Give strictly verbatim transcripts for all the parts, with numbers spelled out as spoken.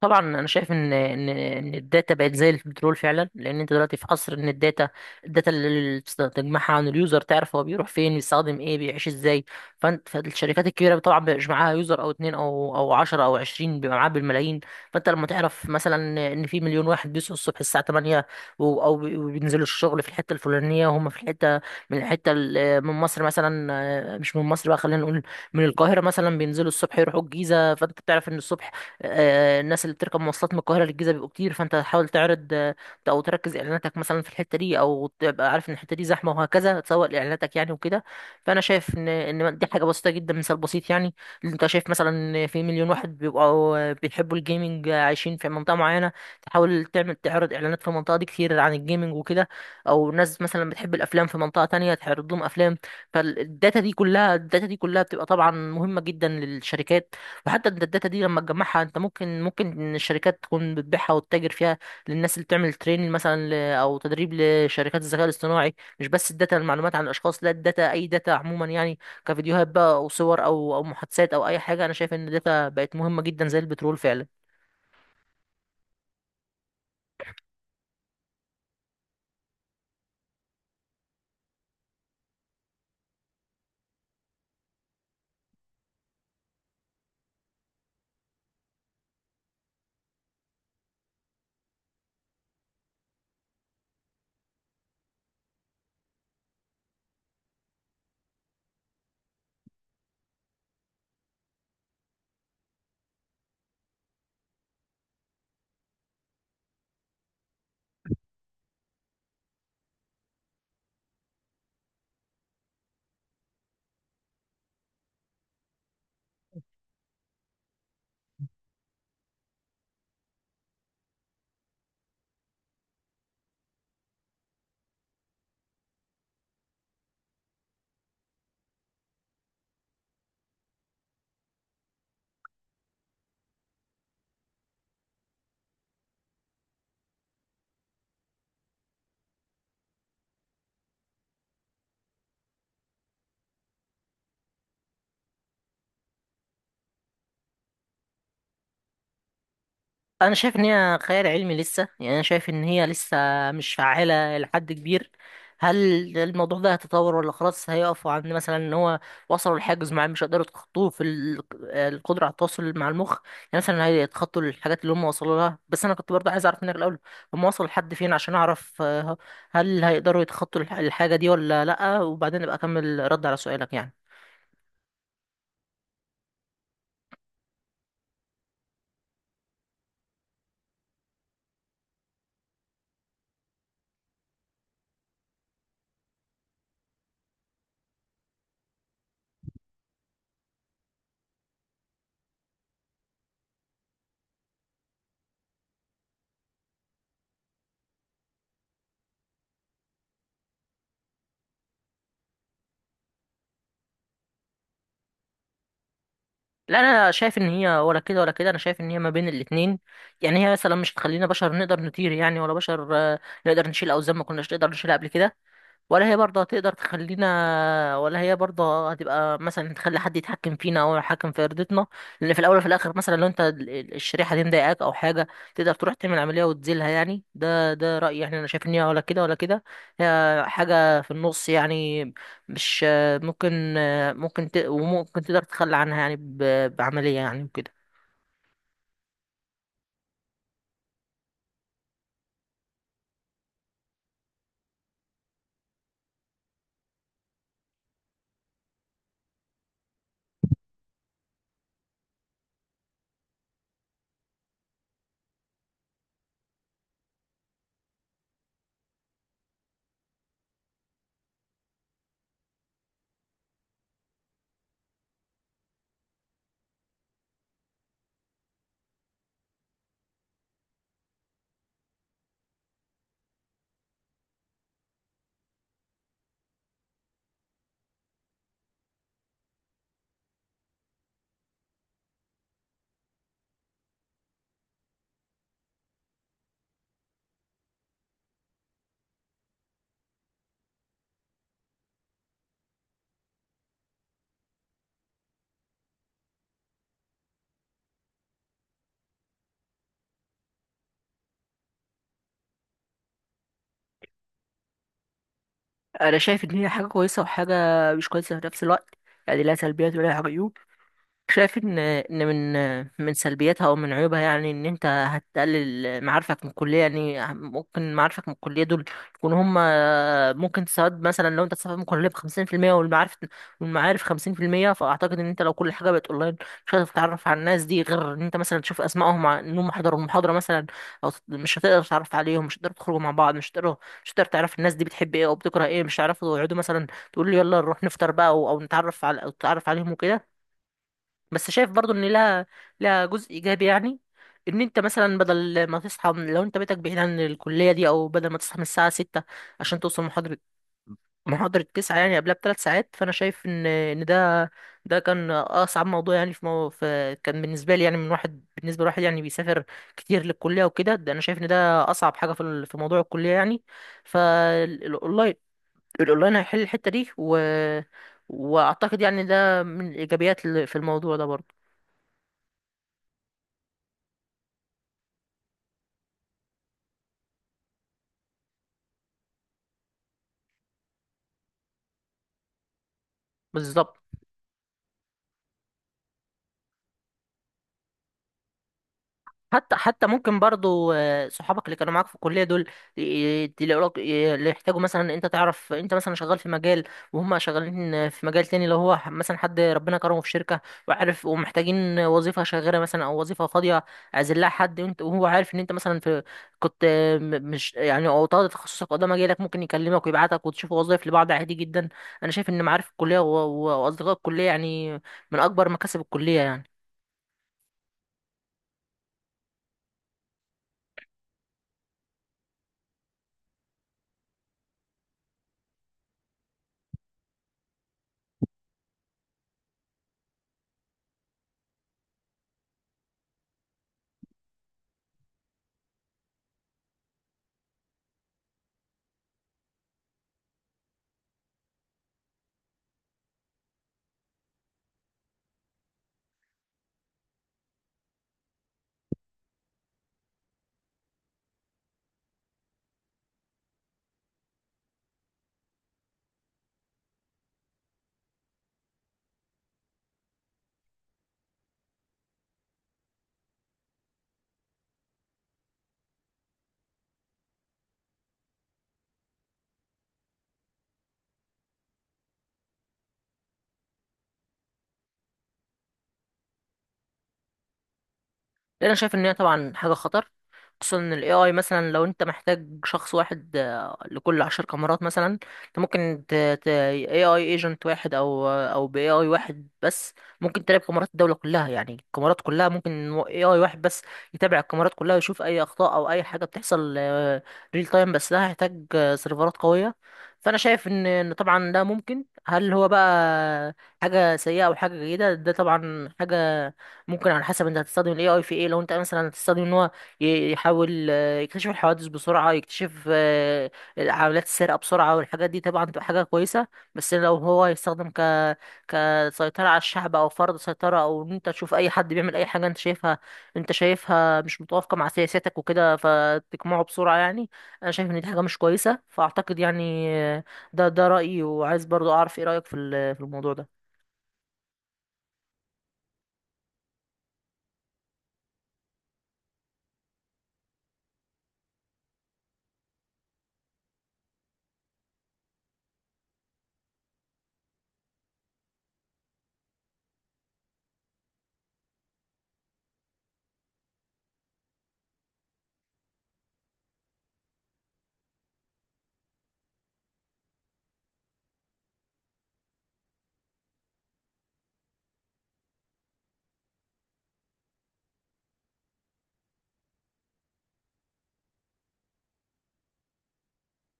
طبعا انا شايف ان ان ان الداتا بقت زي البترول فعلا، لان انت دلوقتي في عصر ان الداتا الداتا اللي بتست- تجمعها عن اليوزر، تعرف هو بيروح فين، بيستخدم ايه، بيعيش ازاي. فانت فالشركات الكبيره طبعا بيبقاش معاها يوزر او اتنين او او عشر او عشرين، بيبقى معاها بالملايين. فانت لما تعرف مثلا ان في مليون واحد بيصحوا الصبح الساعه ثمانية، و- او بي- وبينزلوا الشغل في الحته الفلانيه، وهم في الحته من الحته ال- من مصر مثلا، آه، مش من مصر بقى، خلينا نقول من القاهره مثلا، بينزلوا الصبح يروحوا الجيزه. فانت بتعرف ان الصبح آه، الناس اللي بتركب مواصلات من القاهرة للجيزة بيبقوا كتير، فانت حاول تعرض آه، او تركز اعلاناتك مثلا في الحتة دي، او تبقى عارف ان الحتة دي زحمة، وهكذا تسوق لاعلاناتك يعني وكده. فانا شايف ان ان دي حاجة بسيطة جدا، مثال بسيط يعني. اللي انت شايف مثلا إن في مليون واحد بيبقوا آه، بيحبوا الجيمنج، آه، عايشين في منطقة معينة، تحاول تعمل تعرض اعلانات في المنطقة دي كتير عن الجيمنج وكده، او ناس مثلا بتحب الافلام في منطقة تانية، تعرض لهم افلام. فالداتا دي كلها الداتا دي كلها بتبقى طبعا مهمة جدا للشركات. وحتى انت الداتا دي لما تجمعها انت، ممكن ممكن الشركات تكون بتبيعها وتتاجر فيها للناس اللي بتعمل تريننج مثلا، ل- او تدريب لشركات الذكاء الاصطناعي. مش بس الداتا المعلومات عن الاشخاص، لا، الداتا، اي داتا عموما يعني، كفيديوهات بقى او صور او او محادثات او اي حاجه. انا شايف ان الداتا بقت مهمه جدا زي البترول فعلا. انا شايف ان هي خيال علمي لسه يعني، انا شايف ان هي لسه مش فعالة لحد كبير. هل الموضوع ده هيتطور ولا خلاص هيقفوا عند مثلا ان هو وصلوا لحاجز معين مش هيقدروا يتخطوه في ال- القدرة على التواصل مع المخ يعني؟ مثلا هيتخطوا الحاجات اللي هم وصلوا لها؟ بس انا كنت برضه عايز اعرف منك الاول هم وصلوا لحد فين، عشان اعرف آه، هل هيقدروا يتخطوا الح- الحاجة دي ولا لا، وبعدين ابقى اكمل رد على سؤالك يعني. لا، انا شايف ان هي ولا كده ولا كده، انا شايف ان هي ما بين الاتنين. يعني هي مثلا مش هتخلينا بشر نقدر نطير يعني، ولا بشر آه، نقدر نشيل اوزان ما كناش نقدر نشيلها قبل كده، ولا هي برضه هتقدر تخلينا، ولا هي برضه هتبقى مثلا تخلي حد يتحكم فينا او يتحكم في ارادتنا. لان في الاول وفي الاخر مثلا لو انت ال- ال- الشريحه دي مضايقاك او حاجه تقدر تروح تعمل عمليه وتزيلها يعني. ده ده رايي يعني. انا شايف ان هي ولا كده ولا كده، هي حاجه في النص يعني. مش ممكن، ممكن ت... وممكن تقدر تتخلى عنها يعني، ب... بعمليه يعني وكده. انا شايف ان هي حاجه كويسه وحاجه مش كويسه في نفس الوقت، يعني لا سلبيات ولا عيوب. شايف ان ان من من سلبياتها او من عيوبها يعني ان انت هتقلل معارفك من الكليه، يعني ممكن معارفك من الكليه دول يكونوا هم، ممكن تساعد مثلا لو انت تسافر من الكليه بخمسين في المية، والمعارف والمعارف خمسين في المية. فاعتقد ان انت لو كل حاجه بقت اونلاين مش هتقدر تتعرف على الناس دي غير ان انت مثلا تشوف اسمائهم ع- انهم حضروا المحاضره مثلا، او تت- مش هتقدر تتعرف عليهم، مش هتقدر تخرجوا مع بعض، مش هتقدر مش هتقدر تعرف الناس دي بتحب ايه او بتكره ايه، مش هتعرفوا يقعدوا مثلا تقول يلا نروح نفطر بقى، او أو نتعرف على او تتعرف عليهم وكده. بس شايف برضو ان لها لها جزء ايجابي يعني، ان انت مثلا بدل ما تصحى من، لو انت بيتك بعيد عن الكليه دي، او بدل ما تصحى من الساعه ستة عشان توصل محاضره محاضره تسعة، يعني قبلها بثلاث ساعات. فانا شايف ان ان ده ده كان اصعب موضوع يعني، في, مو... في كان بالنسبه لي يعني، من واحد بالنسبه لواحد يعني بيسافر كتير للكليه وكده. ده انا شايف ان ده اصعب حاجه في ال- في موضوع الكليه يعني. فالاونلاين الاونلاين هيحل الحته دي، و... واعتقد يعني ده من الايجابيات اللي في الموضوع ده برضو. بالظبط. حتى حتى ممكن برضو آه، صحابك اللي كانوا معاك في الكليه دول ي- تلاقوا ي- اللي يحتاجوا مثلا، انت تعرف انت مثلا شغال في مجال وهم شغالين في مجال تاني، لو هو مثلا حد ربنا كرمه في شركه وعارف ومحتاجين وظيفه شاغره مثلا او وظيفه فاضيه عايزين لها حد، وانت وهو عارف ان انت مثلا في، كنت آه، م- مش يعني او طالب تخصصك قدام مجالك، ممكن يكلمك ويبعتك وتشوفوا وظائف لبعض عادي جدا. انا شايف ان معارف الكليه و- و- واصدقاء الكليه يعني من اكبر مكاسب الكليه يعني. لأن انا شايف ان هي طبعا حاجه خطر، خصوصا ان الاي اي، مثلا لو انت محتاج شخص واحد آه، لكل عشر كاميرات مثلا، انت ممكن ت ت اي اي ايجنت واحد او آه، او باي اي واحد بس ممكن تراقب كاميرات الدوله كلها يعني، الكاميرات كلها ممكن اي اي واحد بس يتابع الكاميرات كلها، ويشوف اي اخطاء او اي حاجه بتحصل ريل تايم. بس ده هيحتاج آه، سيرفرات قويه. فانا شايف ان ان طبعا ده ممكن. هل هو بقى حاجه سيئه او حاجه جيده؟ ده طبعا حاجه ممكن على حسب انت هتستخدم الاي اي في ايه. لو انت مثلا هتستخدم ان هو ي- يحاول آه، يكتشف الحوادث بسرعة، يكتشف آه، عمليات السرقة بسرعة والحاجات دي طبعا تبقى حاجة كويسة. بس لو هو يستخدم ك كسيطرة على الشعب أو فرض سيطرة، أو إن أنت تشوف أي حد بيعمل أي حاجة أنت شايفها أنت شايفها مش متوافقة مع سياساتك وكده فتقمعه بسرعة يعني. أنا شايف إن دي حاجة مش كويسة. فأعتقد يعني آه، ده ده رأيي، وعايز برضو أعرف إيه رأيك في ال- في الموضوع ده.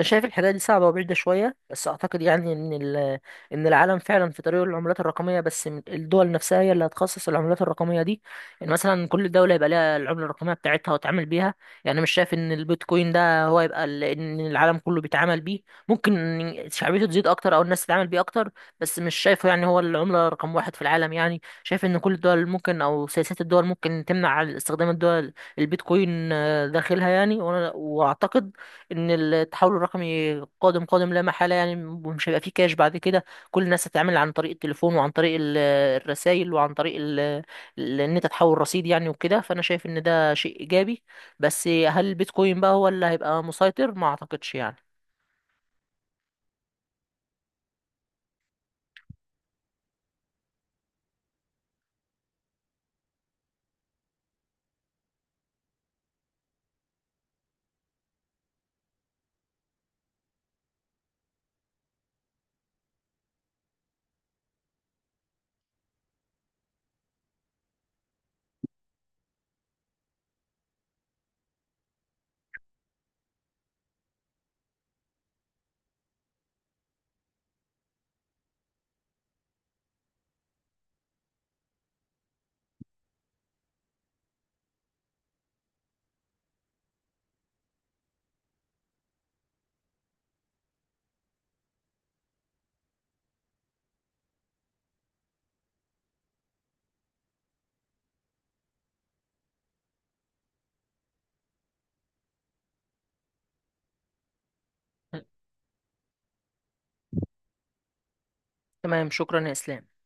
شايف الحكايه دي صعبه وبعيده شويه، بس اعتقد يعني ان ال- ان العالم فعلا في طريق العملات الرقميه. بس م- الدول نفسها هي اللي هتخصص العملات الرقميه دي. يعني مثلا كل دوله يبقى ليها العمله الرقميه بتاعتها وتعامل بيها. يعني مش شايف ان البيتكوين ده هو يبقى ال- ان العالم كله بيتعامل بيه. ممكن شعبيته تزيد اكتر او الناس تتعامل بيه اكتر، بس مش شايفه يعني هو العمله رقم واحد في العالم يعني. شايف ان كل الدول ممكن، او سياسات الدول ممكن تمنع استخدام الدول البيتكوين آه، داخلها يعني. وأنا- واعتقد ان التحول الرقمي قادم قادم لا محاله يعني، ومش هيبقى فيه كاش بعد كده. كل الناس هتتعامل عن طريق التليفون وعن طريق الرسائل وعن طريق ال- ال- ان انت تحول رصيد يعني وكده. فانا شايف ان ده شيء ايجابي. بس هل البيتكوين بقى هو اللي هيبقى مسيطر؟ ما اعتقدش يعني. تمام، شكرا يا اسلام.